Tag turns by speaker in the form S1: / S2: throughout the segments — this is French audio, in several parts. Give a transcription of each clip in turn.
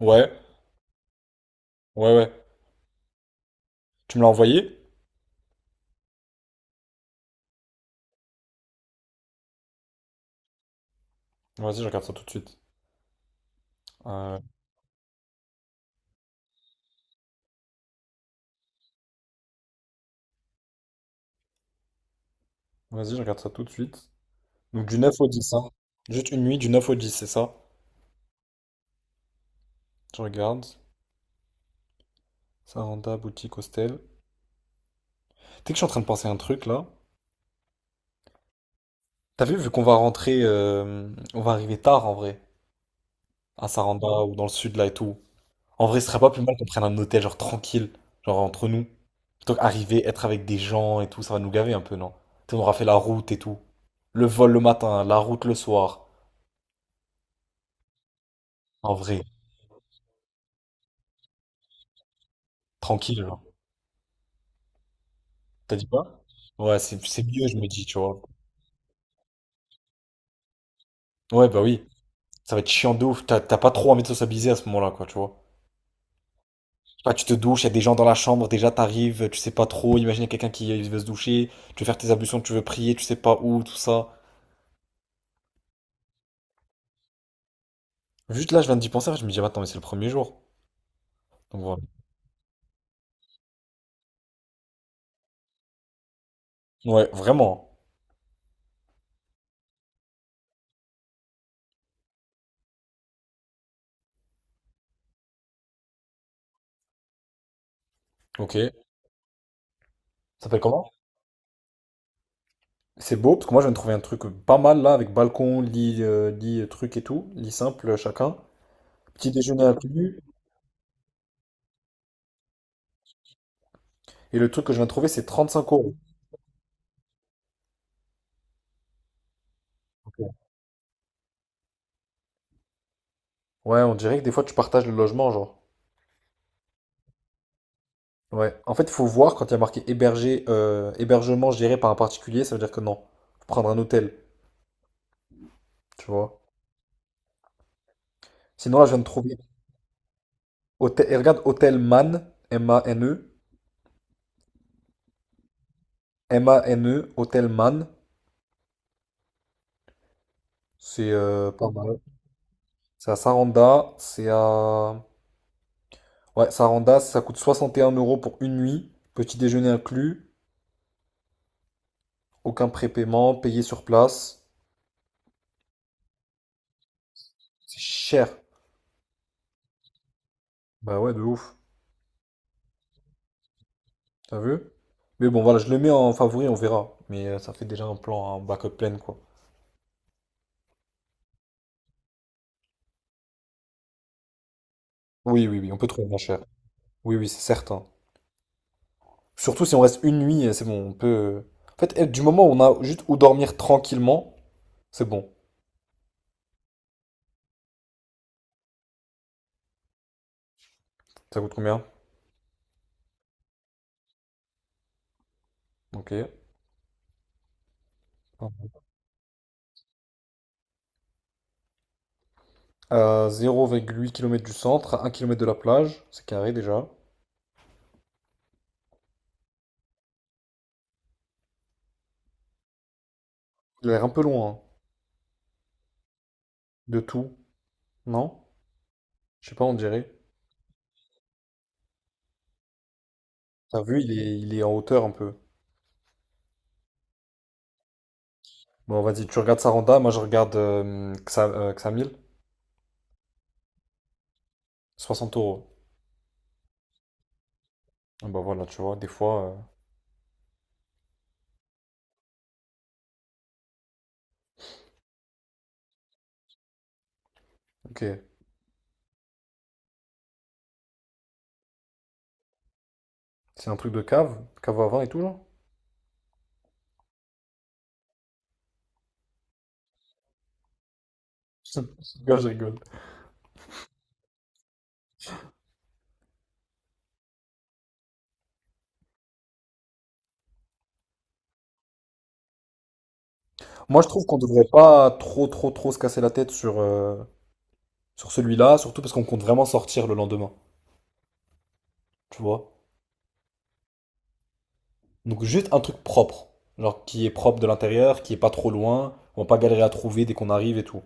S1: Ouais, ouais. Tu me l'as envoyé? Vas-y, je regarde ça tout de suite. Euh, vas-y, je regarde ça tout de suite. Donc du 9 au 10, hein. Juste une nuit, du 9 au 10, c'est ça? Je regarde. Saranda, boutique, hostel. Tu sais que je suis en train de penser à un truc là. T'as vu, vu qu'on va rentrer, on va arriver tard en vrai, à Saranda ou dans le sud là et tout. En vrai, ce serait pas plus mal qu'on prenne un hôtel genre tranquille, genre entre nous. Plutôt qu'arriver, être avec des gens et tout, ça va nous gaver un peu, non? Tu sais, on aura fait la route et tout. Le vol le matin, la route le soir. En vrai. Tranquille, genre. T'as dit quoi? Ouais, c'est mieux, je me dis, tu vois. Ouais, bah oui, ça va être chiant de ouf. T'as pas trop envie de sociabiliser à ce moment-là, quoi, tu vois. Je sais pas, tu te douches, y a des gens dans la chambre, déjà t'arrives, tu sais pas trop. Imagine y a quelqu'un qui veut se doucher, tu veux faire tes ablutions, tu veux prier, tu sais pas où, tout ça. Juste là, je viens d'y penser, je me dis, ah, attends, mais c'est le premier jour. Donc voilà. Ouais, vraiment. Ok, ça s'appelle comment? C'est beau, parce que moi, je viens de trouver un truc pas mal là, avec balcon, lit, lit, truc et tout. Lit simple, chacun. Petit déjeuner inclus. Et le truc que je viens de trouver, c'est 35 euros. Ok. Ouais, on dirait que des fois tu partages le logement, genre. Ouais. En fait, il faut voir quand il y a marqué hébergement géré par un particulier, ça veut dire que non. Faut prendre un hôtel, tu vois. Sinon, là, je viens de trouver. Hôtel, et regarde, Hôtel Man, M-A-N-E, M-A-N-E, Hôtel Man, c'est pas mal. C'est à Saranda, c'est à. Ouais, Saranda, ça coûte 61 euros pour une nuit, petit déjeuner inclus, aucun prépaiement, payé sur place. C'est cher. Bah ouais, de ouf. T'as vu? Mais bon, voilà, je le mets en favori, on verra. Mais ça fait déjà un plan, un backup plein, quoi. Oui, oui, oui, on peut trouver moins cher. Oui, oui, c'est certain. Surtout si on reste une nuit, c'est bon, on peut... En fait, eh, du moment où on a juste où dormir tranquillement, c'est bon. Ça coûte combien? Ok. 0,8 km du centre, 1 km de la plage, c'est carré déjà. Il a l'air un peu loin, hein, de tout, non? Je sais pas, on dirait. T'as vu, il est en hauteur un peu. Bon, vas-y, tu regardes Saranda, moi je regarde Xamil, 60 euros. Ah bah voilà, tu vois, des fois. Ok. C'est un truc de cave, cave à vin et tout, genre? Gars, je rigole. Moi, je trouve qu'on devrait pas trop se casser la tête sur, sur celui-là, surtout parce qu'on compte vraiment sortir le lendemain, tu vois. Donc, juste un truc propre, genre qui est propre de l'intérieur, qui est pas trop loin, on va pas galérer à trouver dès qu'on arrive et tout.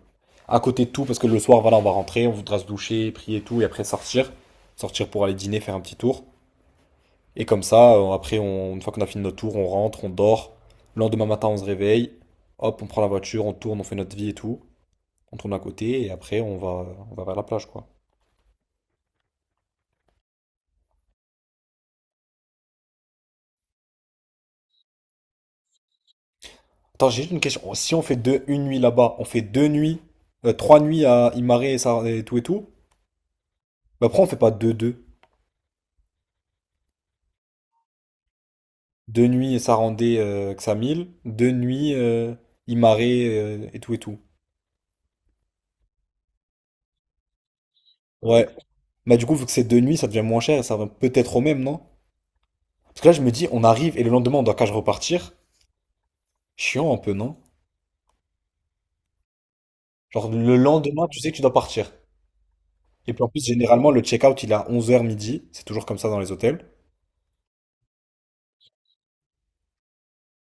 S1: À côté de tout, parce que le soir, voilà, on va rentrer, on voudra se doucher, prier et tout, et après sortir. Sortir pour aller dîner, faire un petit tour. Et comme ça, après, une fois qu'on a fini notre tour, on rentre, on dort. Le lendemain matin, on se réveille. Hop, on prend la voiture, on tourne, on fait notre vie et tout. On tourne à côté et après, on va vers la plage, quoi. Attends, j'ai juste une question. Si on fait deux, une nuit là-bas, on fait deux nuits, trois nuits à Imare et, et tout et tout. Bah, pourquoi on fait pas deux, deux? Deux nuits et Sarandé, Xamil. Deux nuits, Imare, et tout et tout. Ouais. Bah, du coup, vu que c'est deux nuits, ça devient moins cher et ça va peut-être au même, non? Parce que là, je me dis, on arrive et le lendemain, on doit qu'à repartir. Chiant un peu, non? Genre le lendemain, tu sais que tu dois partir. Et puis en plus, généralement, le check-out, il est à 11 h midi. C'est toujours comme ça dans les hôtels.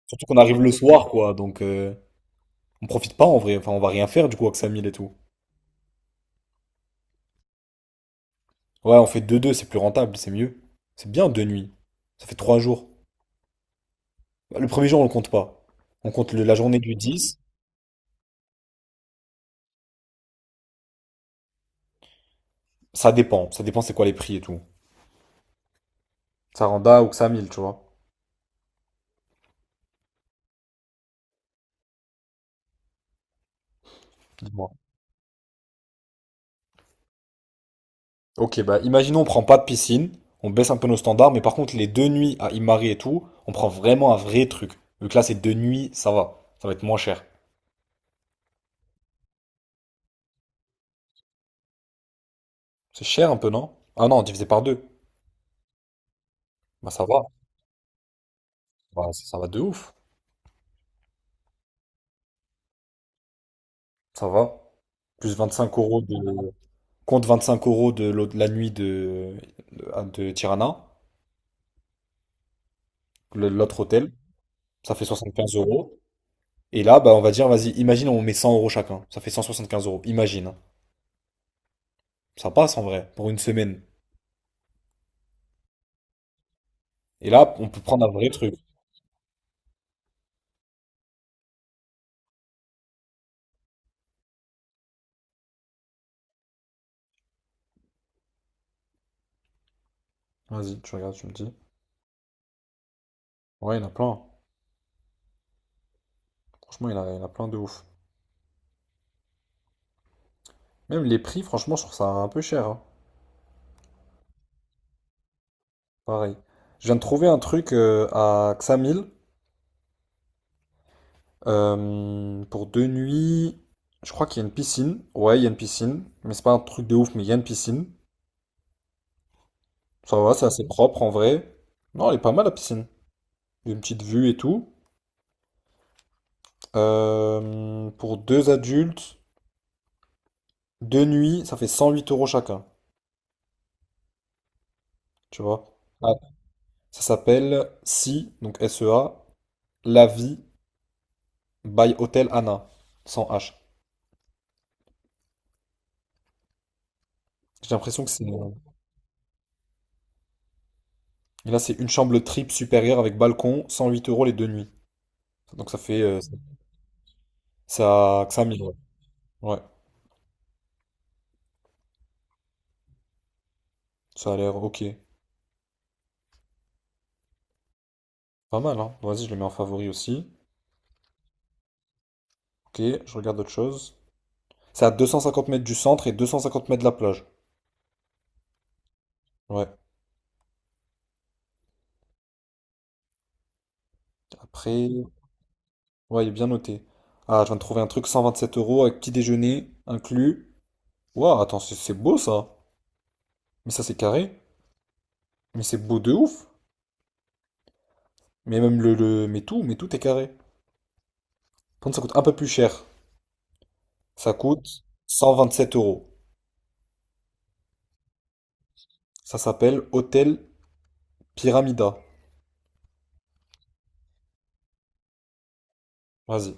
S1: Surtout qu'on arrive le soir, quoi. Donc on profite pas en vrai. Enfin, on va rien faire du coup avec sa mille et tout. Ouais, on fait deux deux c'est plus rentable, c'est mieux. C'est bien deux nuits. Ça fait trois jours. Bah, le premier jour, on le compte pas. On compte la journée du 10. Ça dépend. Ça dépend c'est quoi les prix et tout. Ça rend Saranda ou que ça mille tu vois. Ok, bah imaginons on prend pas de piscine, on baisse un peu nos standards, mais par contre les deux nuits à Imari et tout, on prend vraiment un vrai truc. Vu que là c'est deux nuits, ça va être moins cher. C'est cher un peu, non? Ah non, divisé par deux. Bah ça va, Bah, ça va de ouf, ça va. Plus 25 euros de... Compte 25 euros de la nuit de Tirana, l'autre hôtel, ça fait 75 euros. Et là, bah on va dire, vas-y, imagine on met 100 euros chacun, ça fait 175 euros, imagine, hein. Ça passe en vrai, pour une semaine. Et là, on peut prendre un vrai truc. Vas-y, tu regardes, tu me dis. Ouais, il y en a plein. Franchement, il y en a plein de ouf. Même les prix, franchement, je trouve ça un peu cher, hein. Pareil. Je viens de trouver un truc à Xamil pour deux nuits. Je crois qu'il y a une piscine. Ouais, il y a une piscine. Mais c'est pas un truc de ouf, mais il y a une piscine. Ça va, c'est assez Mhm. propre en vrai. Non, elle est pas mal la piscine. Une petite vue et tout. Pour deux adultes, deux nuits, ça fait 108 € chacun. Tu vois? Ah, ça s'appelle Si, donc SEA, La Vie. By Hotel Anna, sans H. J'ai l'impression que c'est. Et là, c'est une chambre triple supérieure avec balcon, 108 euros les deux nuits. Donc ça fait, ça, que ça mille, ouais. Ouais, ça a l'air ok. Pas mal, hein. Vas-y, je le mets en favori aussi. Ok, je regarde autre chose. C'est à 250 mètres du centre et 250 mètres de la plage. Ouais, après. Ouais, il est bien noté. Ah, je viens de trouver un truc 127 euros avec petit déjeuner inclus. Waouh, attends, c'est beau ça. Mais ça, c'est carré. Mais c'est beau de ouf. Mais même le. Mais tout est carré. Quand ça coûte un peu plus cher, ça coûte 127 euros. Ça s'appelle Hôtel Pyramida. Vas-y.